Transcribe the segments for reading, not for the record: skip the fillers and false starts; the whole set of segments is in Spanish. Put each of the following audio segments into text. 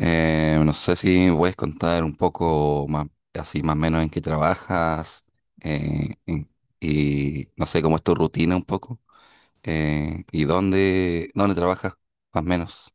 No sé si me puedes contar un poco más, así más o menos en qué trabajas eh, en- y no sé cómo es tu rutina un poco, y dónde trabajas más o menos.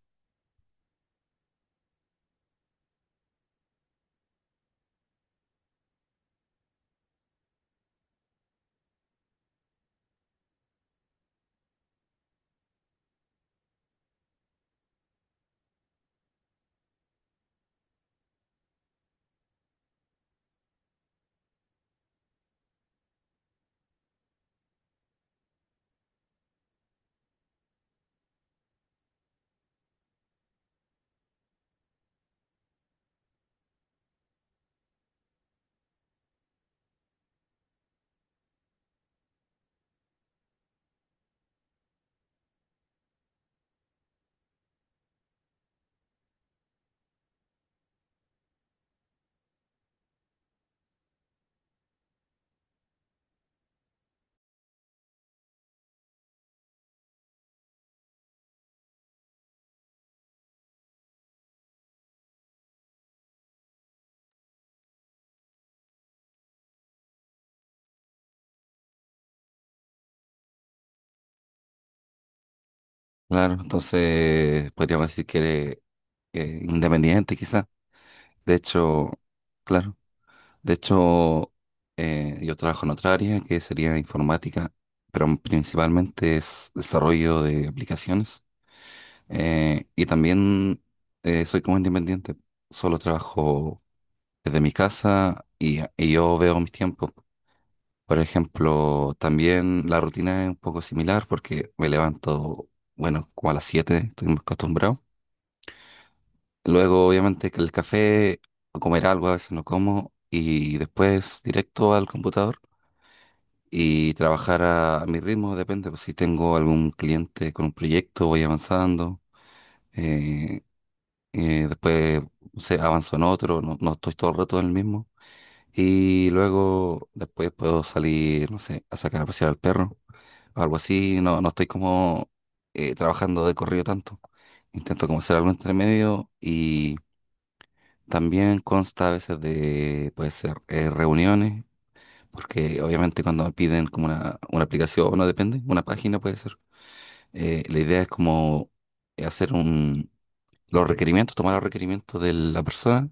Claro, entonces podríamos decir que eres independiente quizá. De hecho, claro, de hecho, yo trabajo en otra área que sería informática, pero principalmente es desarrollo de aplicaciones. Y también soy como independiente. Solo trabajo desde mi casa y yo veo mis tiempos. Por ejemplo, también la rutina es un poco similar porque me levanto, bueno, como a las 7, estoy muy acostumbrado. Luego, obviamente, que el café o comer algo, a veces no como. Y después directo al computador y trabajar a mi ritmo, depende. Pues, si tengo algún cliente con un proyecto, voy avanzando. eh, Después se avanzó en otro. No, no estoy todo el rato en el mismo. Y luego después puedo salir, no sé, a sacar a pasear al perro o algo así. No, no estoy como trabajando de corrido tanto. Intento como hacer algo entre medio, y también consta a veces de, puede ser, reuniones, porque obviamente cuando me piden como una aplicación, no depende, una página puede ser. La idea es como hacer un, los requerimientos, tomar los requerimientos de la persona,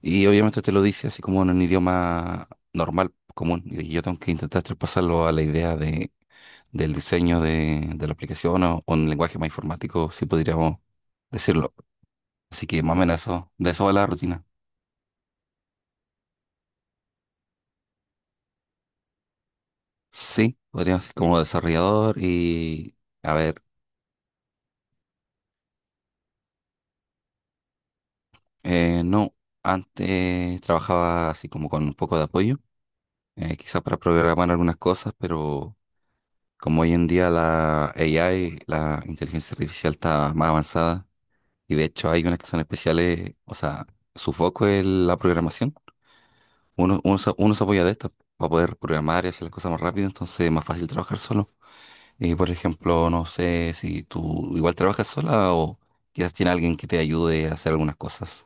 y obviamente te lo dice así como en un idioma normal, común. Y yo tengo que intentar traspasarlo a la idea de, del diseño de la aplicación o en lenguaje más informático, si podríamos decirlo. Así que más o menos eso, de eso va la rutina. Sí, podríamos ser como desarrollador y, a ver, no, antes trabajaba así como con un poco de apoyo, quizás para programar algunas cosas, pero como hoy en día la AI, la inteligencia artificial está más avanzada. Y de hecho hay unas que son especiales, o sea, su foco es la programación. Uno se apoya de estas para poder programar y hacer las cosas más rápido, entonces es más fácil trabajar solo. Y por ejemplo, no sé si tú igual trabajas sola o quizás tiene alguien que te ayude a hacer algunas cosas.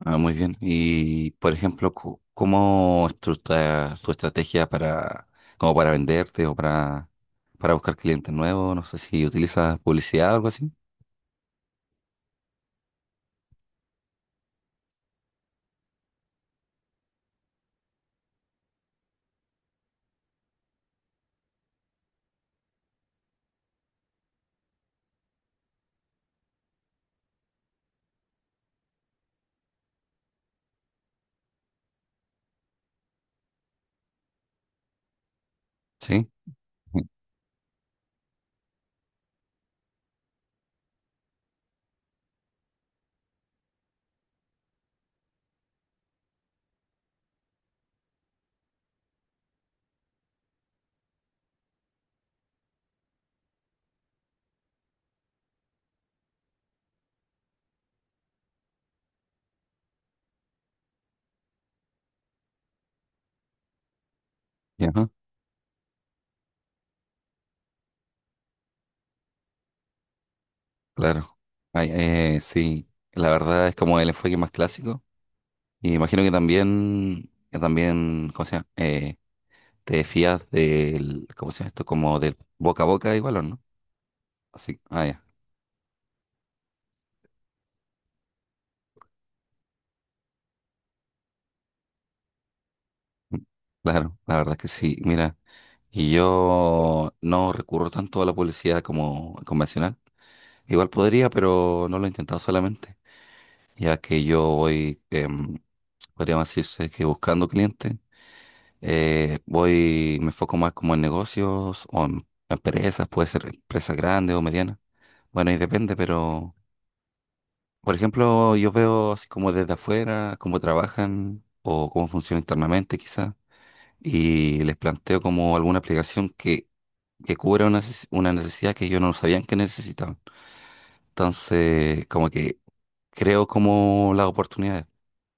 Ah, muy bien. Y por ejemplo, ¿cómo es tu estrategia para, como para venderte o para buscar clientes nuevos? No sé si utilizas publicidad o algo así. Sí. Ujú. Ya. Claro. Ay, sí, la verdad es como el enfoque más clásico. Y imagino que también, ¿cómo se llama? Te fías del, ¿cómo se llama esto? Como del boca a boca igual, ¿o no? Así, ah, ya. Mm, Claro, la verdad es que sí. Mira, y yo no recurro tanto a la publicidad como convencional. Igual podría, pero no lo he intentado solamente, ya que yo voy, podríamos decirse que buscando clientes. Voy, me enfoco más como en negocios o en empresas, puede ser empresas grandes o medianas. Bueno, y depende, pero por ejemplo, yo veo así como desde afuera, cómo trabajan o cómo funciona internamente quizás, y les planteo como alguna aplicación que cubra una necesidad que ellos no sabían que necesitaban. Entonces, como que creo como las oportunidades.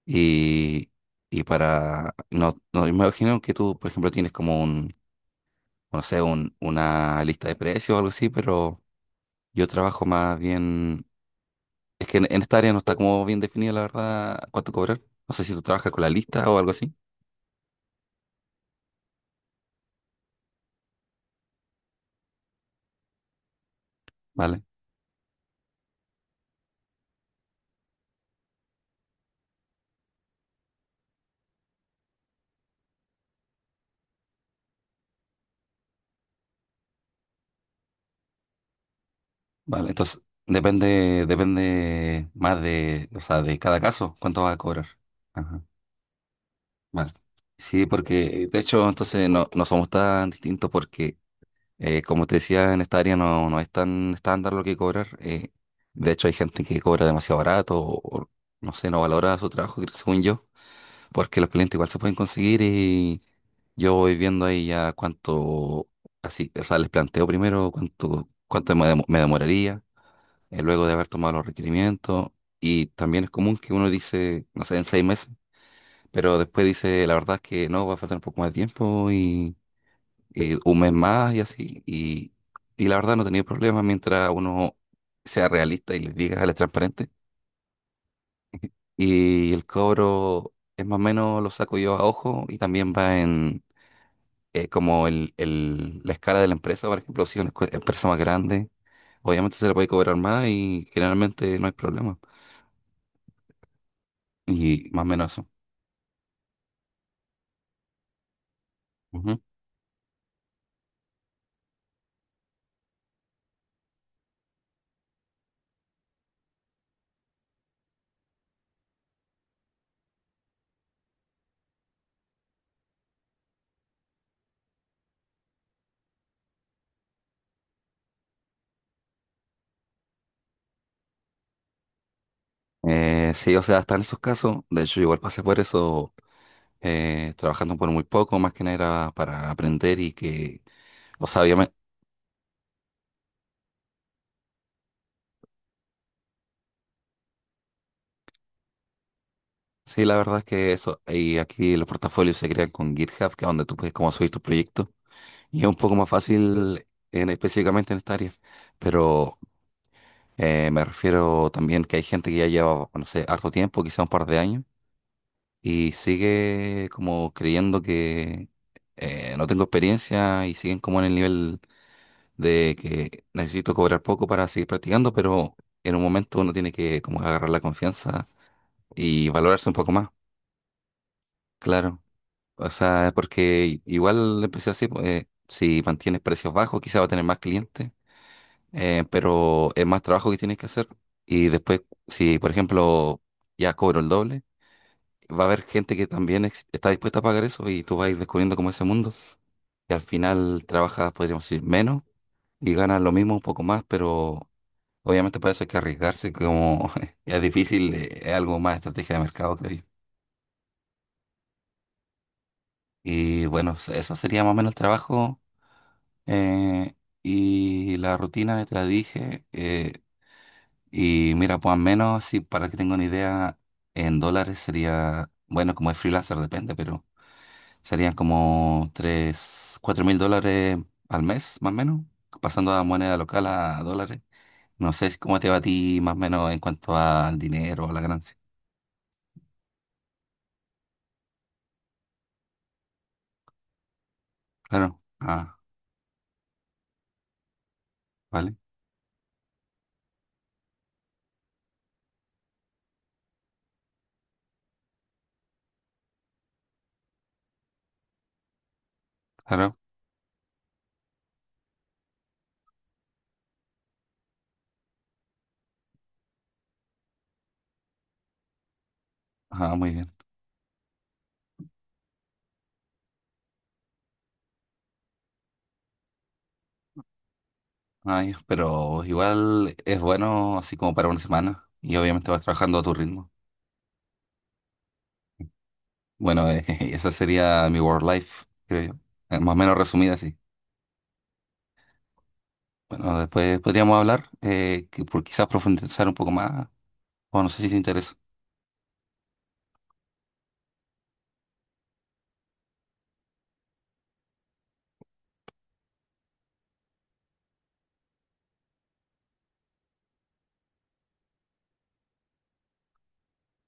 Y, y para, no, no, me imagino que tú, por ejemplo, tienes como un, no sé, una lista de precios o algo así, pero yo trabajo más bien, es que en esta área no está como bien definido, la verdad, cuánto cobrar. No sé si tú trabajas con la lista o algo así. Vale, vale. Entonces, depende más de, o sea, de cada caso, cuánto vas a cobrar. Ajá, vale. Sí, porque de hecho, entonces no, no somos tan distintos porque como te decía, en esta área no, no es tan estándar lo que cobrar. De hecho, hay gente que cobra demasiado barato o, no sé, no valora su trabajo, creo, según yo, porque los clientes igual se pueden conseguir y yo voy viendo ahí ya cuánto, así, o sea, les planteo primero cuánto me demoraría, luego de haber tomado los requerimientos. Y también es común que uno dice, no sé, en 6 meses, pero después dice, la verdad es que no, va a faltar un poco más de tiempo y un mes más y así. Y la verdad no he tenido problemas mientras uno sea realista y les diga, les transparente. Y el cobro es más o menos lo saco yo a ojo y también va en como la escala de la empresa, por ejemplo, si es una empresa más grande, obviamente se le puede cobrar más y generalmente no hay problema. Y más o menos eso. Ujú. Sí, o sea, hasta en esos casos, de hecho, igual pasé por eso, trabajando por muy poco, más que nada era para aprender y que, o sea, Sí, la verdad es que eso, y aquí los portafolios se crean con GitHub, que es donde tú puedes como subir tus proyectos, y es un poco más fácil en, específicamente en esta área, pero me refiero también que hay gente que ya lleva, no sé, harto tiempo, quizá un par de años, y sigue como creyendo que no tengo experiencia y siguen como en el nivel de que necesito cobrar poco para seguir practicando, pero en un momento uno tiene que como agarrar la confianza y valorarse un poco más, claro. O sea, porque igual el precio así, pues, si mantienes precios bajos, quizá va a tener más clientes, pero es más trabajo que tienes que hacer. Y después, si por ejemplo ya cobro el doble, va a haber gente que también está dispuesta a pagar eso y tú vas a ir descubriendo como ese mundo. Que al final trabajas, podríamos decir, menos y ganas lo mismo, un poco más, pero obviamente para eso hay que arriesgarse, como es difícil, es algo más estrategia de mercado, creo yo. Y bueno, eso sería más o menos el trabajo. Eh, y la rutina ya te la dije. Y mira, pues al menos, si para que tenga una idea, en dólares sería, bueno, como es freelancer, depende, pero serían como 3 4 mil dólares al mes, más o menos, pasando a moneda local a dólares. No sé si cómo te va a ti, más o menos, en cuanto al dinero, a la ganancia. Claro, ah, vale, claro, ah, muy bien. Ay, pero igual es bueno así como para una semana y obviamente vas trabajando a tu ritmo. Bueno, esa sería mi work life, creo yo. Más o menos resumida así. Bueno, después podríamos hablar, que por quizás profundizar un poco más, o no sé si te interesa.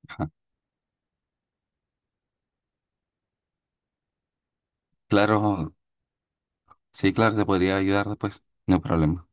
Ajá. Claro, sí, claro, te podría ayudar después, no hay problema.